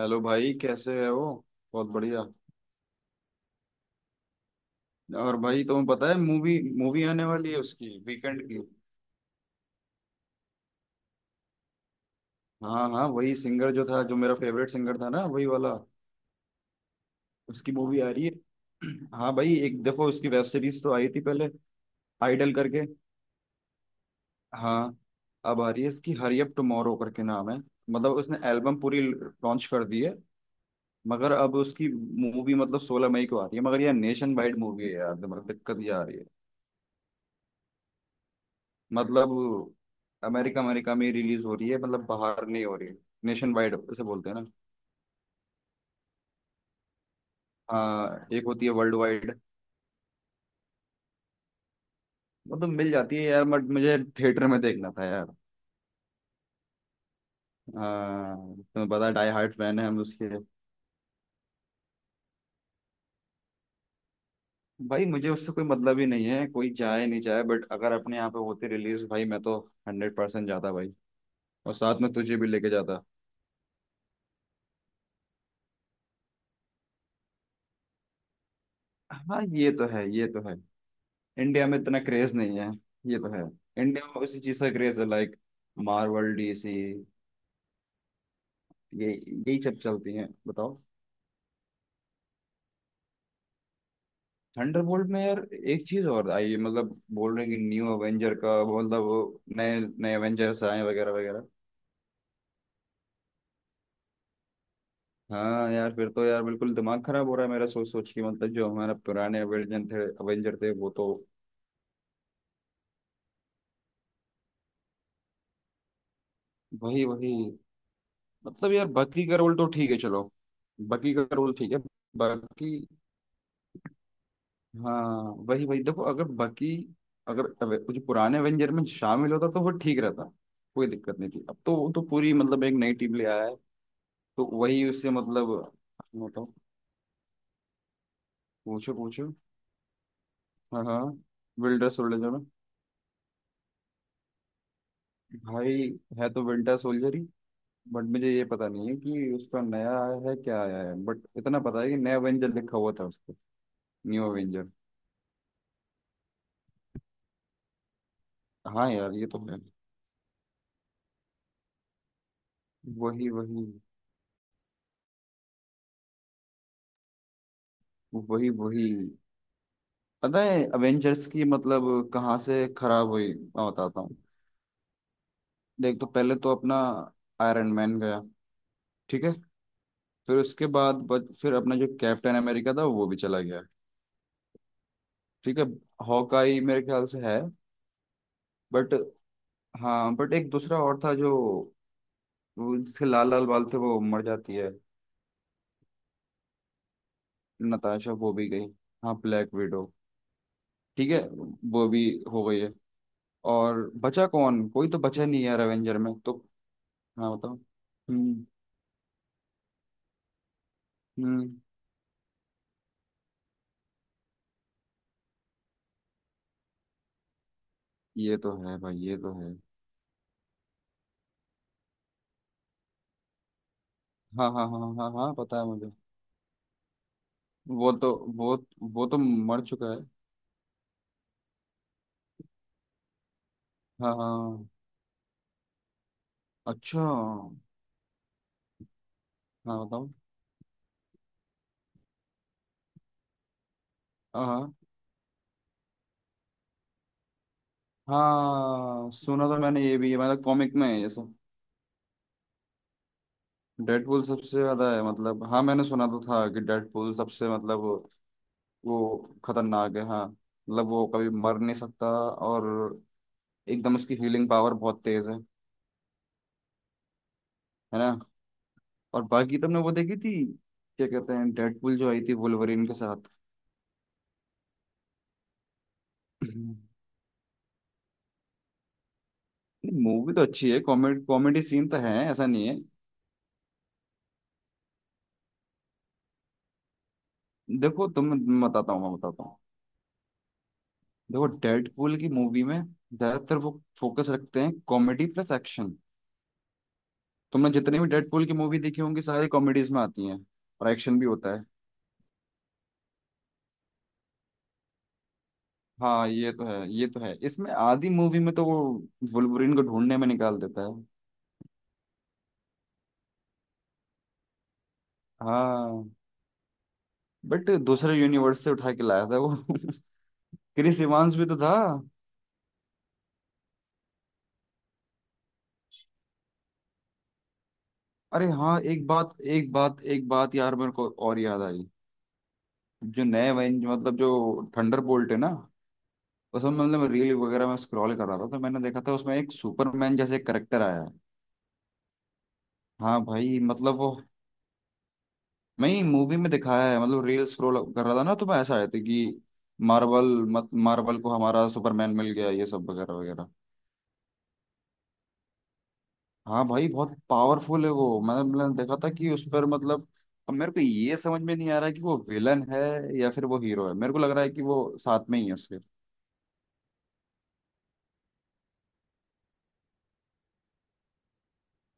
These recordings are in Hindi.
हेलो भाई, कैसे है वो। बहुत बढ़िया। और भाई तुम्हें पता है मूवी मूवी आने वाली है उसकी, वीकेंड की। हाँ हाँ, वही सिंगर जो था, जो मेरा फेवरेट सिंगर था ना, वही वाला। उसकी मूवी आ रही है। हाँ भाई, एक देखो उसकी वेब सीरीज तो आई थी पहले, आइडल करके। हाँ। अब आ रही है, इसकी हरी अप टुमारो करके नाम है। मतलब उसने एल्बम पूरी लॉन्च कर दी है। मगर अब उसकी मूवी मतलब 16 मई को आ रही है, मगर यार नेशन वाइड मूवी है यार, दिमाग दिक्कत ये आ रही है। मतलब अमेरिका अमेरिका में रिलीज हो रही है, मतलब बाहर नहीं हो रही है। नेशन वाइड ऐसे बोलते हैं ना। हाँ, एक होती है वर्ल्ड वाइड, मतलब मिल जाती है यार, बट मुझे थिएटर में देखना था यार। हाँ, तुम्हें पता है डाई हार्ट फैन है हम उसके। भाई मुझे उससे कोई मतलब ही नहीं है, कोई चाहे नहीं चाहे, बट अगर अपने यहाँ पे होती रिलीज भाई, मैं तो 100% जाता भाई, और साथ में तुझे भी लेके जाता। हाँ ये तो है, ये तो है। इंडिया में इतना क्रेज नहीं है। ये तो है। इंडिया में उसी चीज का क्रेज है, लाइक मार्वल, डीसी। ये यही सब चलती हैं, बताओ। थंडरबोल्ट में यार एक चीज और आई है, मतलब बोल रहे हैं कि न्यू अवेंजर का मतलब, वो नए नए अवेंजर्स आए वगैरह वगैरह। हाँ यार फिर तो यार बिल्कुल दिमाग खराब हो रहा है मेरा सोच सोच के, मतलब जो हमारा पुराने अवेंजर थे, अवेंजर थे वो तो, वही वही। मतलब यार बाकी का रोल तो ठीक है, चलो। बाकी का रोल ठीक है। बाकी। हाँ वही वही। देखो अगर बाकी, अगर जो पुराने एवेंजर में शामिल होता तो वो ठीक रहता, कोई दिक्कत नहीं थी। अब तो वो तो पूरी मतलब एक नई टीम ले आया है। तो वही उससे मतलब, बताओ। पूछो पूछो। हाँ हाँ, विंटर सोल्जर में भाई है तो विंटर सोल्जर ही। बट मुझे ये पता नहीं है कि उसका नया आया है क्या आया है, बट इतना पता है कि नया एवेंजर लिखा हुआ था उसको, न्यू एवेंजर। हाँ यार ये तो है। वही वही वही वही। पता है अवेंजर्स की मतलब कहाँ से खराब हुई, मैं बताता हूँ। देख तो पहले तो अपना आयरन मैन गया, ठीक है। फिर उसके बाद फिर अपना जो कैप्टन अमेरिका था वो भी चला गया, ठीक है। हॉकाई मेरे ख्याल से है, बट हाँ, बट एक दूसरा और था जो, वो जिसके लाल लाल बाल थे वो मर जाती है, नताशा, वो भी गई। हाँ, ब्लैक विडो, ठीक है। वो भी हो गई है। और बचा कौन, कोई तो बचा नहीं है यार एवेंजर में तो। हाँ बताओ। हम्म हम्म। ये तो है भाई, ये तो है। हाँ हाँ हाँ हाँ हाँ हाँ, पता है मुझे। वो तो वो वो तो मर चुका है। हाँ हाँ हाँ। अच्छा हाँ, बताओ। हाँ हाँ हाँ, सुना तो मैंने ये भी है, मतलब कॉमिक में है ये सब। डेडपूल सबसे ज्यादा है, मतलब हाँ मैंने सुना तो था कि डेडपूल सबसे मतलब वो खतरनाक है हाँ, मतलब वो कभी मर नहीं सकता। और एकदम उसकी हीलिंग पावर बहुत तेज है ना। और बाकी तुमने वो देखी थी, क्या कहते हैं, डेडपूल जो आई थी वुल्वरीन के साथ। मूवी तो अच्छी है, कॉमेडी कॉमेडी सीन तो है, ऐसा नहीं है। देखो तुम, मैं बताता हूँ मैं बताता हूँ। देखो डेडपूल की मूवी में ज्यादातर वो फोकस रखते हैं कॉमेडी प्लस एक्शन। तुमने जितनी भी डेडपूल की मूवी देखी होंगी सारी कॉमेडीज में आती हैं और एक्शन भी होता है। हाँ ये तो है, ये तो है। इसमें आधी मूवी में तो वो वुल्वरीन को ढूंढने में निकाल देता है। हाँ, बट दूसरे यूनिवर्स से उठा के लाया था वो। क्रिस इवांस भी तो था। अरे हाँ एक बात एक बात एक बात यार, मेरे को और याद आई। जो नए वेंज मतलब जो थंडर बोल्ट है ना, उसमें मतलब रील वगैरह में स्क्रॉल कर रहा था तो मैंने देखा था, उसमें एक सुपरमैन जैसे करेक्टर आया है। हाँ भाई मतलब वो, मैं मूवी में दिखाया है, मतलब रील स्क्रॉल कर रहा था ना, तो मैं ऐसा आया था कि मार्वल, मत मार्वल को हमारा सुपरमैन मिल गया ये सब वगैरह वगैरह। हाँ भाई बहुत पावरफुल है वो, मैंने मैंने देखा था कि उस पर मतलब, अब मेरे को ये समझ में नहीं आ रहा है कि वो विलन है या फिर वो हीरो है, मेरे को लग रहा है कि वो साथ में ही है उसके।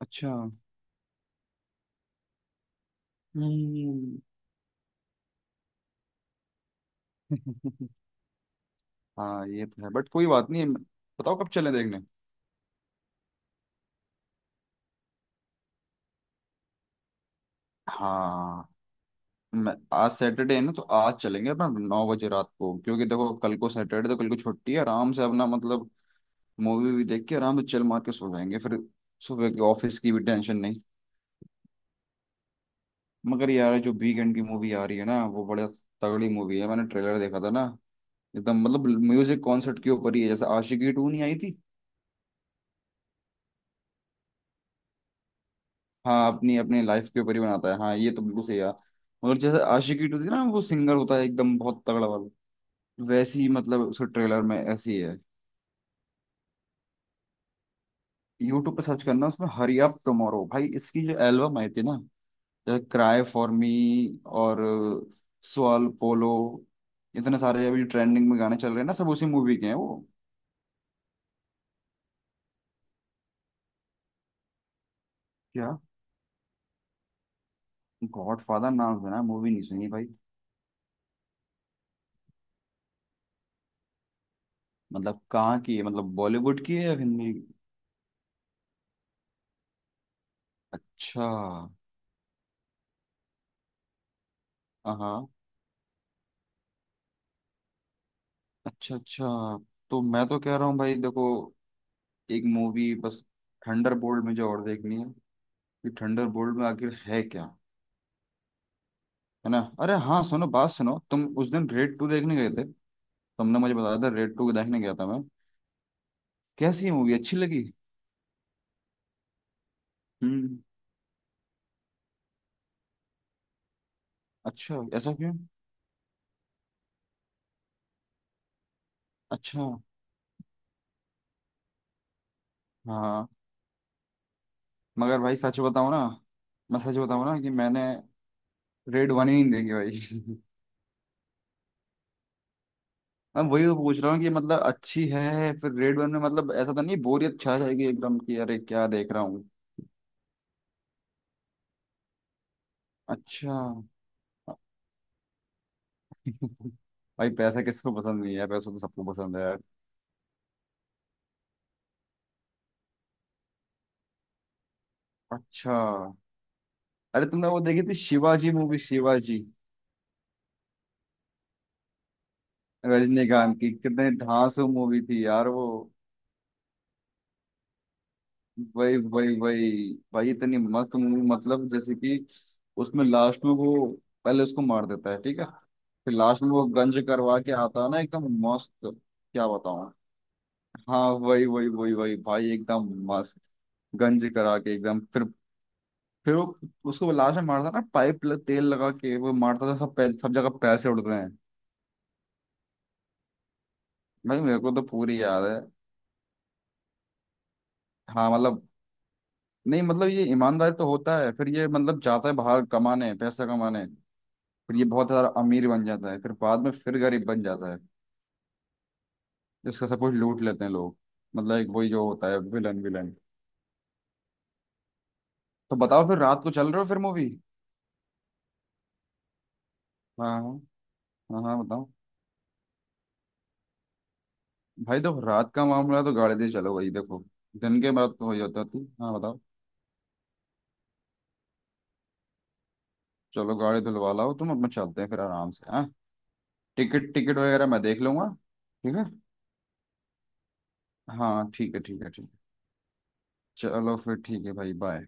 अच्छा। हम्म। हाँ ये तो है, बट कोई बात नहीं। बताओ कब चलें देखने। हाँ मैं, आज सैटरडे है ना, तो आज चलेंगे अपना 9 बजे रात को, क्योंकि देखो कल को सैटरडे, तो कल को छुट्टी है, आराम से अपना मतलब मूवी भी देख के आराम से चिल मार के सो जाएंगे, फिर सुबह के ऑफिस की भी टेंशन नहीं। मगर यार जो वीकेंड की मूवी आ रही है ना वो बड़ा तगड़ी मूवी है, मैंने ट्रेलर देखा था ना, एकदम मतलब म्यूजिक कॉन्सर्ट के ऊपर ही है, जैसे आशिकी टू नहीं आई थी। हाँ अपनी अपनी लाइफ के ऊपर ही बनाता है, हाँ ये तो बिल्कुल सही है। मगर जैसे आशिकी टू थी ना, वो सिंगर होता है एकदम बहुत तगड़ा वाला, वैसी ही मतलब उसके ट्रेलर में ऐसी है। यूट्यूब पे सर्च करना, उसमें हरी अप टुमारो, भाई इसकी जो एल्बम आई थी ना, जैसे क्राई फॉर मी और सवाल पोलो, इतने सारे अभी ट्रेंडिंग में गाने चल रहे हैं ना, सब उसी मूवी के हैं वो। क्या। गॉड फादर नाम सुना है, मूवी नहीं सुनी भाई। मतलब कहाँ की है, मतलब बॉलीवुड की है या हिंदी। अच्छा हाँ। अच्छा अच्छा, तो मैं तो कह रहा हूँ भाई देखो, एक मूवी बस, थंडर बोल्ट मुझे और देखनी है, कि थंडर बोल्ट में आखिर है क्या। है ना। अरे हाँ सुनो बात सुनो, तुम उस दिन रेड टू देखने गए थे, तुमने मुझे बताया था रेड टू देखने गया था मैं, कैसी मूवी, अच्छी लगी। हम्म। अच्छा ऐसा क्यों। अच्छा हाँ। मगर भाई सच बताऊँ ना, मैं सच बताऊँ ना कि मैंने रेड वन ही नहीं देखी भाई। मैं वही तो पूछ रहा हूँ कि मतलब अच्छी है फिर रेड वन में, मतलब ऐसा तो नहीं बोरियत छा जाएगी एकदम कि अरे क्या देख रहा हूँ। अच्छा। भाई पैसा किसको पसंद नहीं है, पैसा तो सबको पसंद है यार। अच्छा। अरे तुमने वो देखी थी शिवाजी मूवी, शिवाजी, रजनीकांत की कितनी धांसू मूवी थी यार वो। वही वही वही, भाई इतनी मस्त मूवी, मतलब जैसे कि उसमें लास्ट में वो पहले उसको मार देता है ठीक है, फिर लास्ट में वो गंज करवा के आता है ना, एकदम मस्त, क्या बताऊं। हाँ वही वही वही वही भाई एकदम मस्त, गंज करा के एकदम फिर वो उसको लास्ट में मारता है ना, पाइप तेल लगा के वो मारता था, सब जगह पैसे उड़ते हैं। भाई मेरे को तो पूरी याद है। हाँ मतलब, नहीं मतलब ये ईमानदारी तो होता है, फिर ये मतलब जाता है बाहर कमाने, पैसा कमाने, फिर ये बहुत सारा अमीर बन जाता है, फिर बाद में फिर गरीब बन जाता है, इसका सब कुछ लूट लेते हैं लोग, मतलब एक वही जो होता है विलन विलन। तो बताओ फिर रात को चल रहे हो फिर मूवी। हाँ हाँ, हाँ हाँ बताओ। भाई देखो रात का मामला है तो गाड़ी दे चलो भाई, देखो दिन के बाद तो वही होता थी, हाँ बताओ। चलो गाड़ी धुलवा लाओ तुम, अपना चलते हैं फिर आराम से, हाँ। टिकट टिकट वगैरह मैं देख लूंगा। ठीक है। हाँ ठीक है ठीक है ठीक है। चलो फिर ठीक है भाई, बाय।